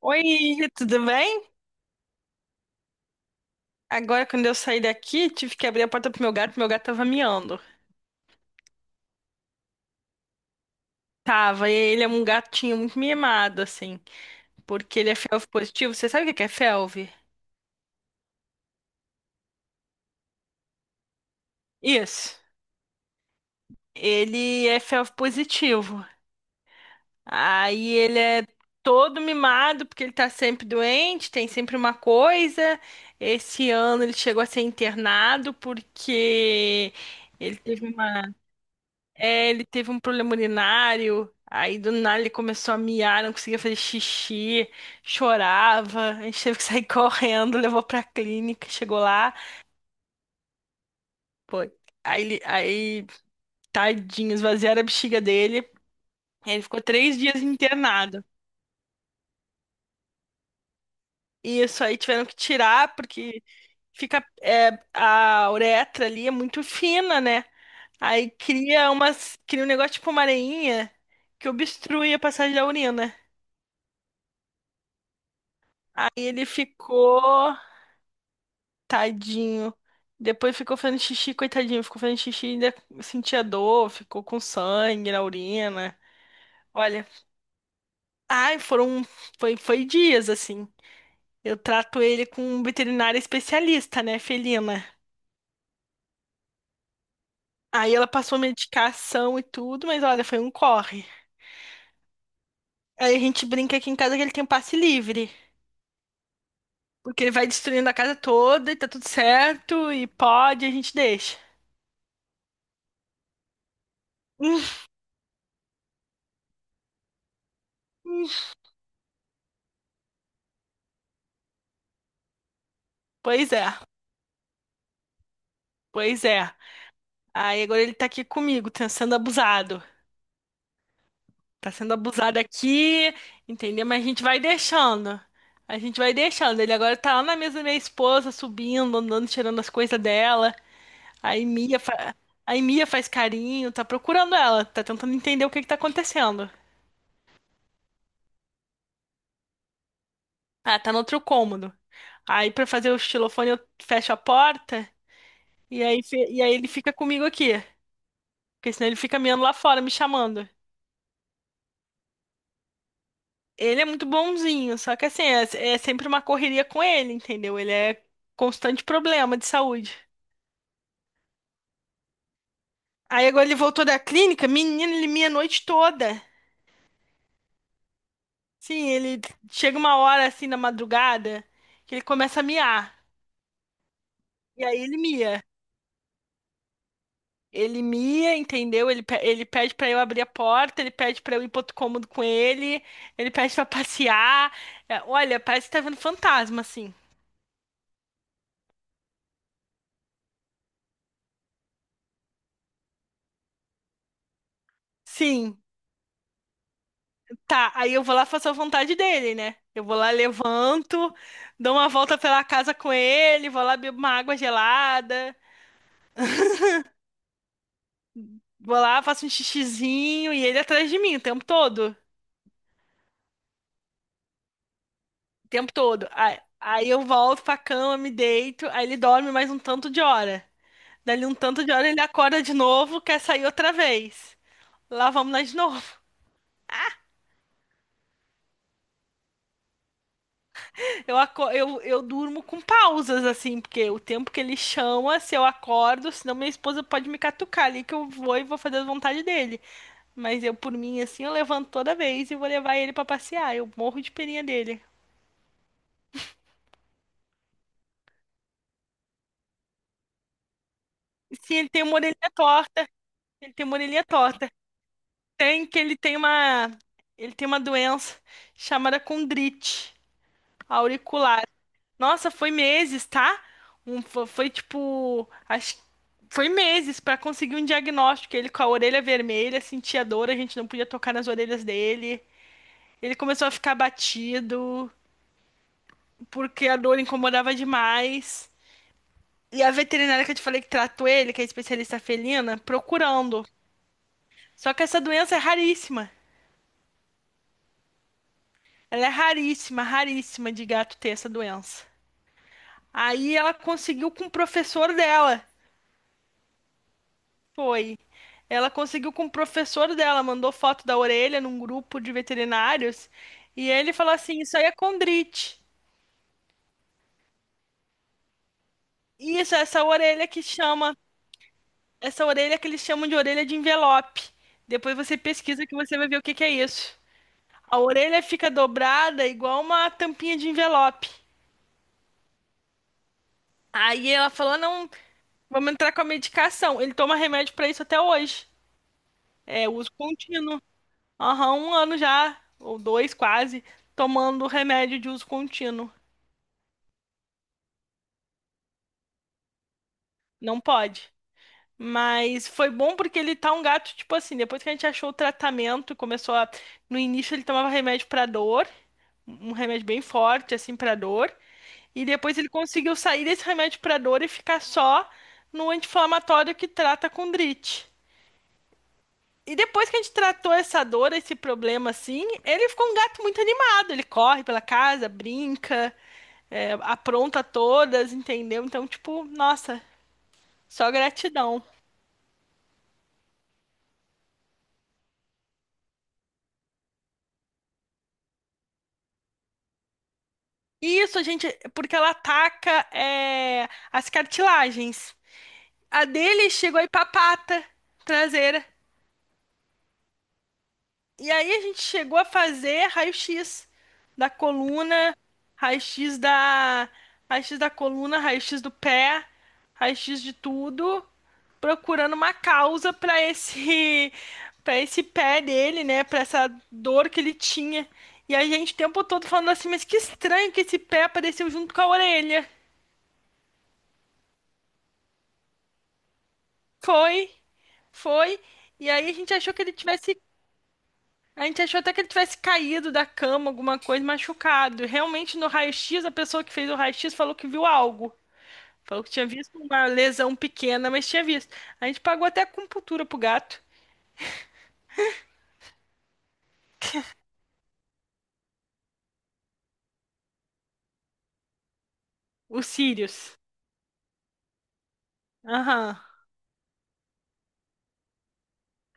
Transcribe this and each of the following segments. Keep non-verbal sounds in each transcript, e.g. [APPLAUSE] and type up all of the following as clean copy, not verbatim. Oi, tudo bem? Agora, quando eu saí daqui, tive que abrir a porta pro meu gato tava miando. Tava, e ele é um gatinho muito mimado, assim, porque ele é felv positivo. Você sabe o que que é felv? Isso. Ele é felv positivo. Aí ele é todo mimado, porque ele tá sempre doente, tem sempre uma coisa. Esse ano ele chegou a ser internado porque ele teve uma ele teve um problema urinário, aí do nada ele começou a miar, não conseguia fazer xixi, chorava, a gente teve que sair [LAUGHS] correndo, levou pra clínica, chegou lá, pô, aí, tadinho, esvaziaram a bexiga dele, ele ficou 3 dias internado. Isso aí tiveram que tirar, porque fica, a uretra ali é muito fina, né? Aí cria um negócio tipo uma areinha que obstrui a passagem da urina. Aí ele ficou. Tadinho. Depois ficou fazendo xixi, coitadinho. Ficou fazendo xixi e ainda sentia dor, ficou com sangue na urina. Olha, ai, foi dias assim. Eu trato ele com um veterinário especialista, né, felina. Aí ela passou medicação e tudo, mas olha, foi um corre. Aí a gente brinca aqui em casa que ele tem um passe livre, porque ele vai destruindo a casa toda e tá tudo certo, e pode, a gente deixa. Hum. Hum. Pois é, pois é. Aí agora ele tá aqui comigo, tá sendo abusado. Tá sendo abusado aqui, entendeu? Mas a gente vai deixando. A gente vai deixando. Ele agora tá lá na mesa da minha esposa, subindo, andando, tirando as coisas dela. Aí Mia, fa... Aí mia faz carinho, tá procurando ela, tá tentando entender o que que tá acontecendo. Ah, tá no outro cômodo. Aí pra fazer o xilofone eu fecho a porta e aí ele fica comigo aqui. Porque senão ele fica miando lá fora, me chamando. Ele é muito bonzinho, só que assim, é sempre uma correria com ele, entendeu? Ele é constante problema de saúde. Aí agora ele voltou da clínica, menino, ele mia a noite toda. Sim, ele chega uma hora assim na madrugada que ele começa a miar. E aí ele mia. Ele mia, entendeu? Ele pede pra eu abrir a porta, ele pede pra eu ir pro outro cômodo com ele, ele pede pra passear. É, olha, parece que tá vendo fantasma, assim. Sim. Tá, aí eu vou lá faço a vontade dele, né? Eu vou lá, levanto, dou uma volta pela casa com ele, vou lá, bebo uma água gelada, vou lá, faço um xixizinho e ele atrás de mim o tempo todo. O tempo todo. Aí eu volto pra cama, me deito, aí ele dorme mais um tanto de hora. Dali um tanto de hora ele acorda de novo, quer sair outra vez. Lá vamos nós de novo. Eu durmo com pausas, assim, porque o tempo que ele chama, se eu acordo, senão minha esposa pode me catucar ali que eu vou e vou fazer a vontade dele. Mas eu, por mim, assim, eu levanto toda vez e vou levar ele pra passear. Eu morro de perinha dele. Sim, ele tem uma orelhinha torta. Ele tem uma orelhinha torta. Tem que ele tem uma. Ele tem uma doença chamada condrite auricular. Nossa, foi meses, tá? Foi, tipo, acho, foi meses pra conseguir um diagnóstico. Ele com a orelha vermelha, sentia dor, a gente não podia tocar nas orelhas dele. Ele começou a ficar batido porque a dor incomodava demais. E a veterinária que eu te falei que tratou ele, que é especialista felina, procurando. Só que essa doença é raríssima. Ela é raríssima, raríssima de gato ter essa doença. Aí ela conseguiu com o professor dela. Foi. Ela conseguiu com o professor dela, mandou foto da orelha num grupo de veterinários, e ele falou assim: Isso aí é condrite. Isso, essa orelha que eles chamam de orelha de envelope. Depois você pesquisa que você vai ver o que que é isso. A orelha fica dobrada igual uma tampinha de envelope. Aí ela falou: Não, vamos entrar com a medicação. Ele toma remédio pra isso até hoje. É uso contínuo. Aham, um ano já, ou dois quase, tomando remédio de uso contínuo. Não pode. Mas foi bom porque ele tá um gato, tipo assim, depois que a gente achou o tratamento, começou a. No início ele tomava remédio pra dor, um remédio bem forte, assim, pra dor. E depois ele conseguiu sair desse remédio pra dor e ficar só no anti-inflamatório que trata condrite. E depois que a gente tratou essa dor, esse problema, assim, ele ficou um gato muito animado. Ele corre pela casa, brinca. Apronta todas, entendeu? Então, tipo, nossa, só gratidão. E isso, a gente, porque ela ataca as cartilagens. A dele chegou aí pra pata traseira. E aí a gente chegou a fazer raio-x da coluna, raio-x da, raio-x da coluna, raio-x do pé, raio-x de tudo, procurando uma causa para esse [LAUGHS] para esse pé dele, né, para essa dor que ele tinha. E a gente o tempo todo falando assim, mas que estranho que esse pé apareceu junto com a orelha. Foi, foi. E aí a gente achou que ele tivesse A gente achou até que ele tivesse caído da cama, alguma coisa, machucado. Realmente, no raio-x, a pessoa que fez o raio-x falou que viu algo. Falou que tinha visto uma lesão pequena, mas tinha visto. A gente pagou até acupuntura pro gato. O Sirius. Aham.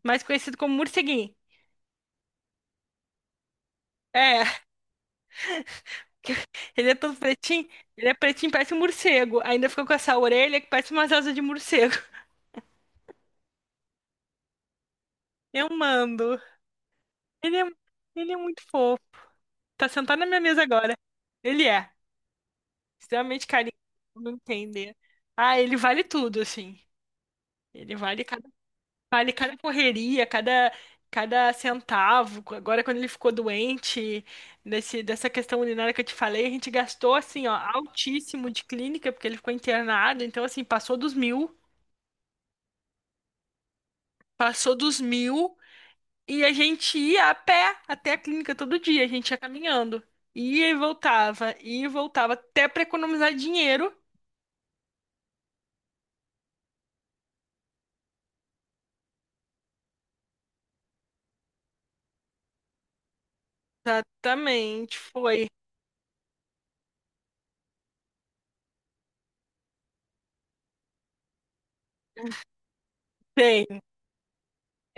Mais conhecido como morceguinho. É, ele é todo pretinho. Ele é pretinho, parece um morcego. Ainda ficou com essa orelha que parece umas asas de morcego. [LAUGHS] Eu mando. Ele é, ele é muito fofo. Tá sentado na minha mesa agora. Ele é. Extremamente carinho, não entender. Ah, ele vale tudo, assim. Ele vale cada correria, cada centavo. Agora, quando ele ficou doente, dessa questão urinária que eu te falei, a gente gastou, assim, ó, altíssimo de clínica, porque ele ficou internado. Então, assim, passou dos mil, passou dos mil. E a gente ia a pé até a clínica todo dia, a gente ia caminhando. Ia e voltava, até para economizar dinheiro. Exatamente, foi. Bem,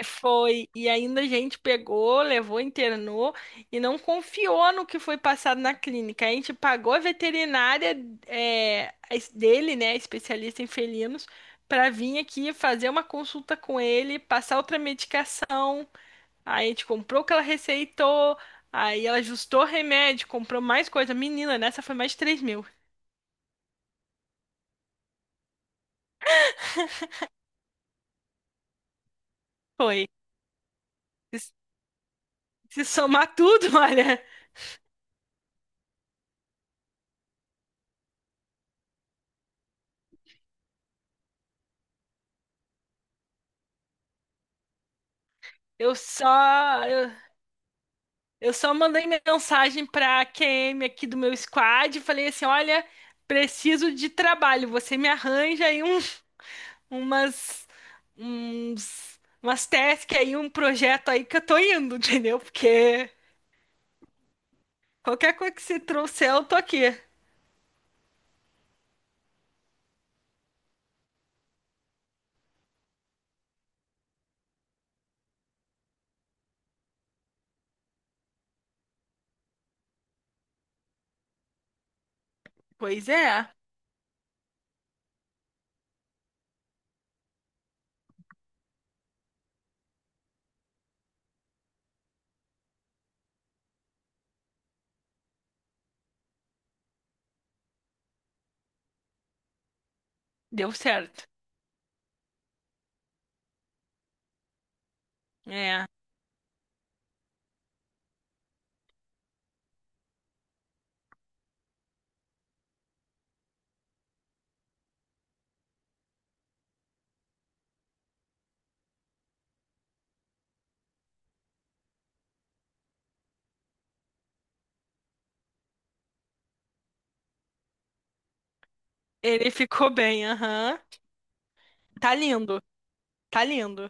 foi, e ainda a gente pegou, levou, internou e não confiou no que foi passado na clínica. A gente pagou a veterinária dele, né, especialista em felinos, para vir aqui fazer uma consulta com ele, passar outra medicação. Aí a gente comprou o que ela receitou, aí ela ajustou o remédio, comprou mais coisa. Menina, nessa foi mais de 3.000. Foi. Se se somar tudo, [LAUGHS] olha, eu só. Eu só mandei mensagem para pra QM aqui do meu squad e falei assim: olha, preciso de trabalho. Você me arranja aí umas, umas tasks aí, um projeto aí que eu tô indo, [LAUGHS] entendeu? Porque qualquer coisa que você trouxer, eu tô aqui. Pois é, deu certo. É, ele ficou bem, aham. Tá lindo, tá lindo.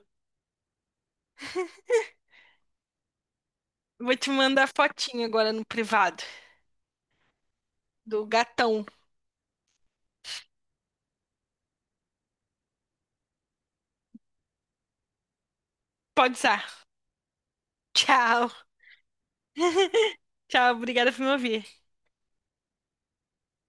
Vou te mandar fotinho agora no privado do gatão. Pode usar. Tchau, tchau, obrigada por me ouvir.